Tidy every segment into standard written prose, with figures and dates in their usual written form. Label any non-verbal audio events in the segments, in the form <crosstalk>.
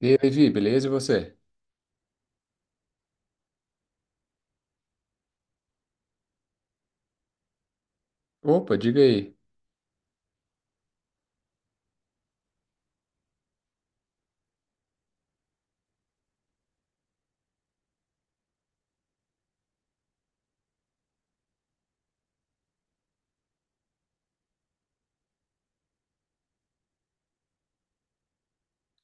E aí, Levi, beleza? E você? Opa, diga aí.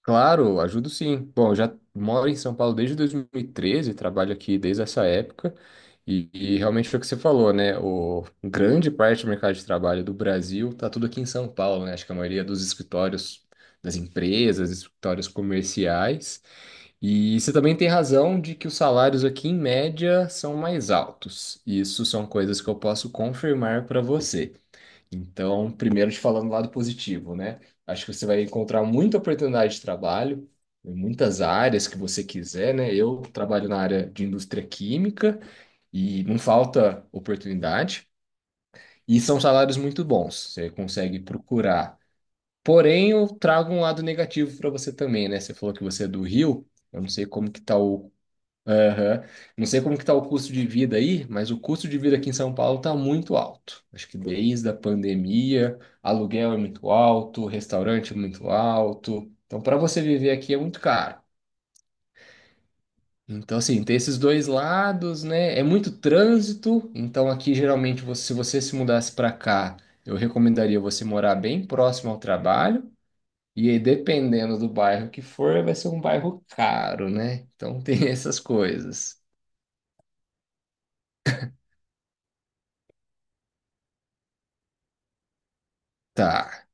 Claro, ajudo sim. Bom, eu já moro em São Paulo desde 2013, trabalho aqui desde essa época, e realmente foi o que você falou, né? O grande parte do mercado de trabalho do Brasil está tudo aqui em São Paulo, né? Acho que a maioria dos escritórios das empresas, escritórios comerciais. E você também tem razão de que os salários aqui, em média, são mais altos. Isso são coisas que eu posso confirmar para você. Então, primeiro te falando do lado positivo, né? Acho que você vai encontrar muita oportunidade de trabalho em muitas áreas que você quiser, né? Eu trabalho na área de indústria química e não falta oportunidade e são salários muito bons, você consegue procurar. Porém, eu trago um lado negativo para você também, né? Você falou que você é do Rio, eu não sei como que tá o Aham. Não sei como que tá o custo de vida aí, mas o custo de vida aqui em São Paulo tá muito alto. Acho que desde a pandemia, aluguel é muito alto, restaurante é muito alto. Então, para você viver aqui é muito caro. Então, assim, tem esses dois lados, né? É muito trânsito. Então, aqui geralmente, se você se mudasse para cá, eu recomendaria você morar bem próximo ao trabalho. E aí, dependendo do bairro que for, vai ser um bairro caro, né? Então, <laughs> tem essas coisas. Tá.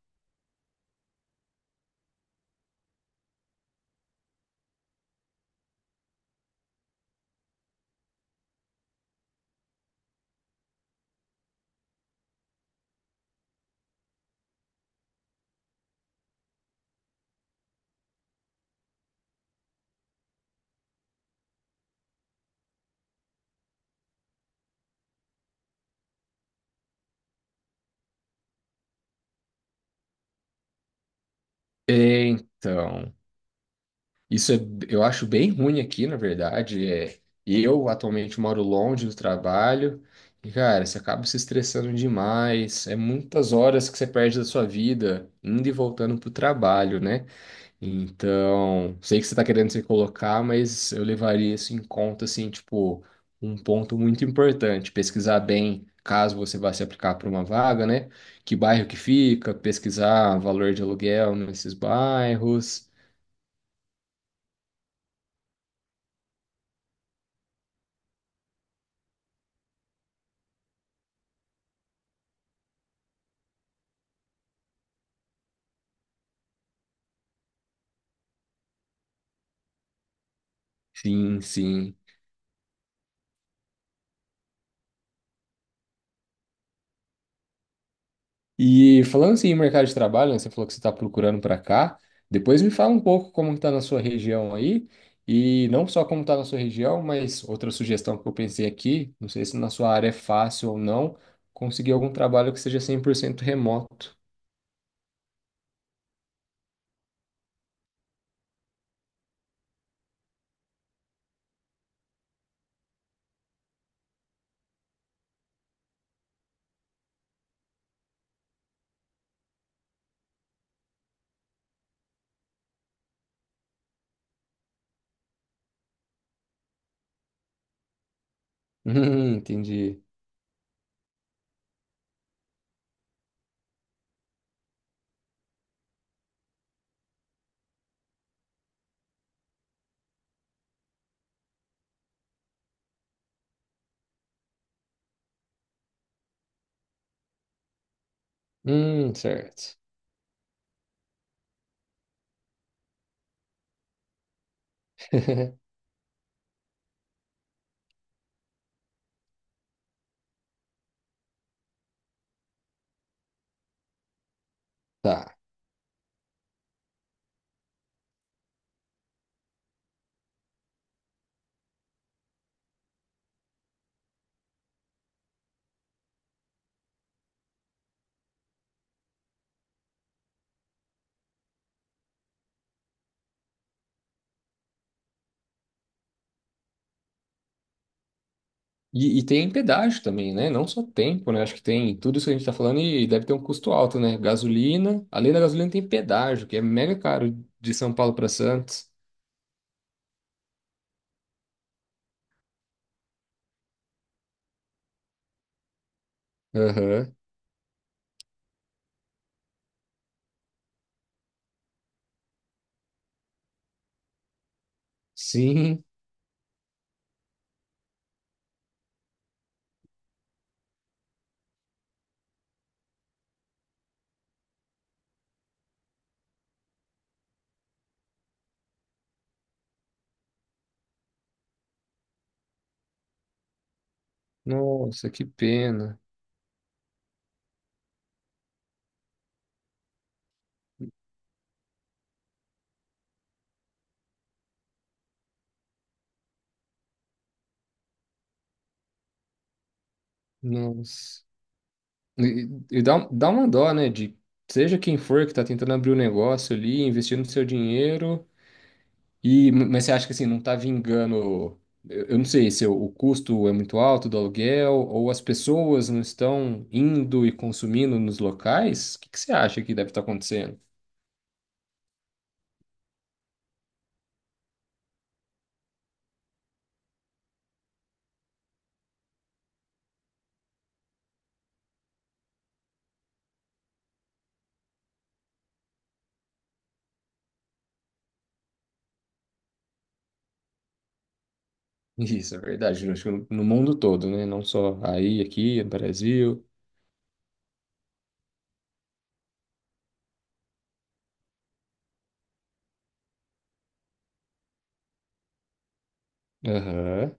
Então, isso é, eu acho bem ruim aqui, na verdade. É, eu atualmente moro longe do trabalho e, cara, você acaba se estressando demais. É muitas horas que você perde da sua vida indo e voltando pro trabalho, né? Então, sei que você tá querendo se colocar, mas eu levaria isso em conta, assim, tipo, um ponto muito importante. Pesquisar bem, caso você vá se aplicar para uma vaga, né? Que bairro que fica, pesquisar valor de aluguel nesses bairros. Sim, sim. E falando assim em mercado de trabalho, né, você falou que você está procurando para cá. Depois me fala um pouco como está na sua região aí. E não só como está na sua região, mas outra sugestão que eu pensei aqui, não sei se na sua área é fácil ou não, conseguir algum trabalho que seja 100% remoto. <laughs> Entendi. Certo. <laughs> Tá. E tem pedágio também, né? Não só tempo, né? Acho que tem tudo isso que a gente tá falando e deve ter um custo alto, né? Gasolina, além da gasolina tem pedágio, que é mega caro de São Paulo para Santos. Aham. Sim. Nossa, que pena. Nossa. E dá, dá uma dó, né? De seja quem for que tá tentando abrir o negócio ali, investindo seu dinheiro. E, mas você acha que assim, não está vingando? Eu não sei se o custo é muito alto do aluguel ou as pessoas não estão indo e consumindo nos locais? O que que você acha que deve estar acontecendo? <laughs> Isso, é verdade. Eu Acho que no mundo todo, né? Não só aí, aqui, no Brasil. Aham.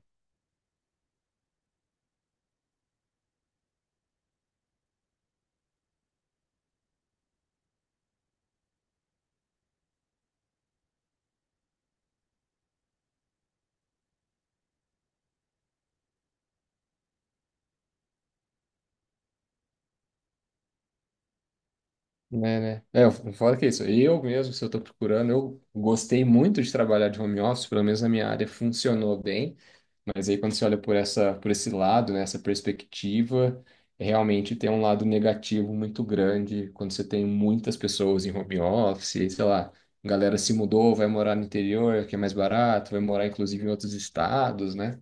Né, né? É, eu que é isso. Eu mesmo, se eu estou procurando, eu gostei muito de trabalhar de home office, pelo menos na minha área funcionou bem, mas aí quando você olha por essa, por esse lado, né, essa perspectiva, é realmente tem um lado negativo muito grande quando você tem muitas pessoas em home office, sei lá, galera se mudou, vai morar no interior, que é mais barato, vai morar inclusive em outros estados, né?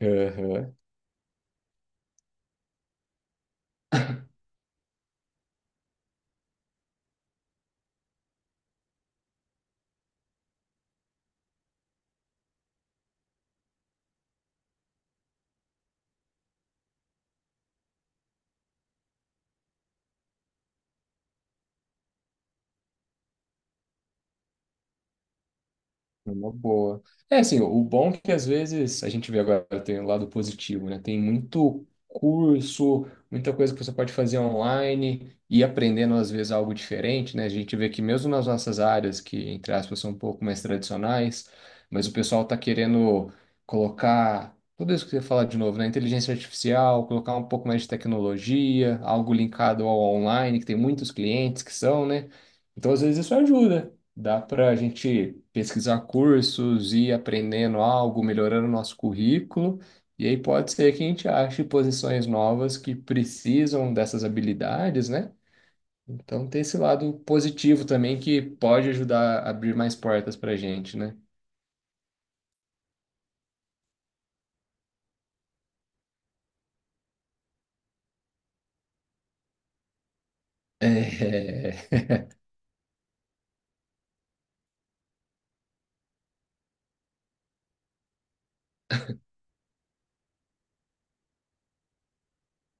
Aham. É uma boa. É assim, o bom é que às vezes a gente vê agora tem o lado positivo, né? Tem muito curso, muita coisa que você pode fazer online e aprendendo às vezes algo diferente, né? A gente vê que mesmo nas nossas áreas, que entre aspas são um pouco mais tradicionais, mas o pessoal tá querendo colocar tudo isso que você fala de novo, né? Inteligência artificial, colocar um pouco mais de tecnologia, algo linkado ao online, que tem muitos clientes que são, né? Então às vezes isso ajuda. Dá para a gente pesquisar cursos, ir aprendendo algo, melhorando o nosso currículo, e aí pode ser que a gente ache posições novas que precisam dessas habilidades, né? Então tem esse lado positivo também que pode ajudar a abrir mais portas para a gente, né? É, <laughs>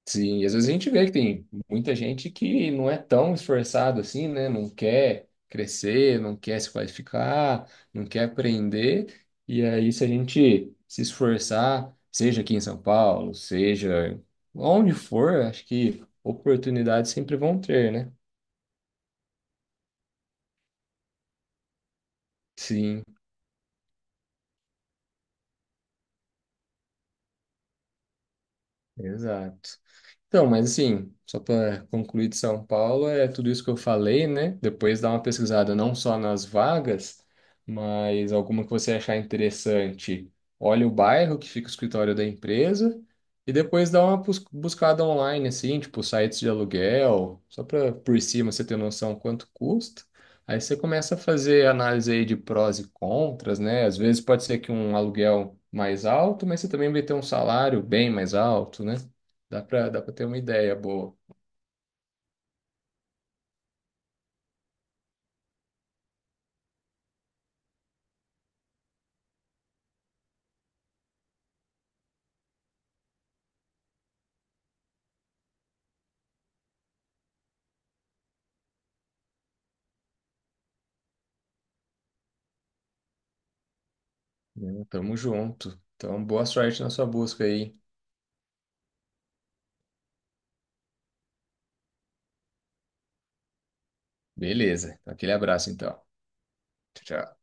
Sim, e às vezes a gente vê que tem muita gente que não é tão esforçado assim, né? Não quer crescer, não quer se qualificar, não quer aprender. E aí, se a gente se esforçar, seja aqui em São Paulo, seja onde for, acho que oportunidades sempre vão ter, né? Sim, exato. Então, mas assim, só para concluir de São Paulo, é tudo isso que eu falei, né? Depois dá uma pesquisada não só nas vagas, mas alguma que você achar interessante. Olha o bairro que fica o escritório da empresa e depois dá uma buscada online, assim, tipo sites de aluguel, só para por cima você ter noção quanto custa. Aí você começa a fazer análise aí de prós e contras, né? Às vezes pode ser que um aluguel mais alto, mas você também vai ter um salário bem mais alto, né? Dá pra ter uma ideia boa. Não, tamo junto. Então, boa sorte na sua busca aí. Beleza. Aquele abraço, então. Tchau, tchau.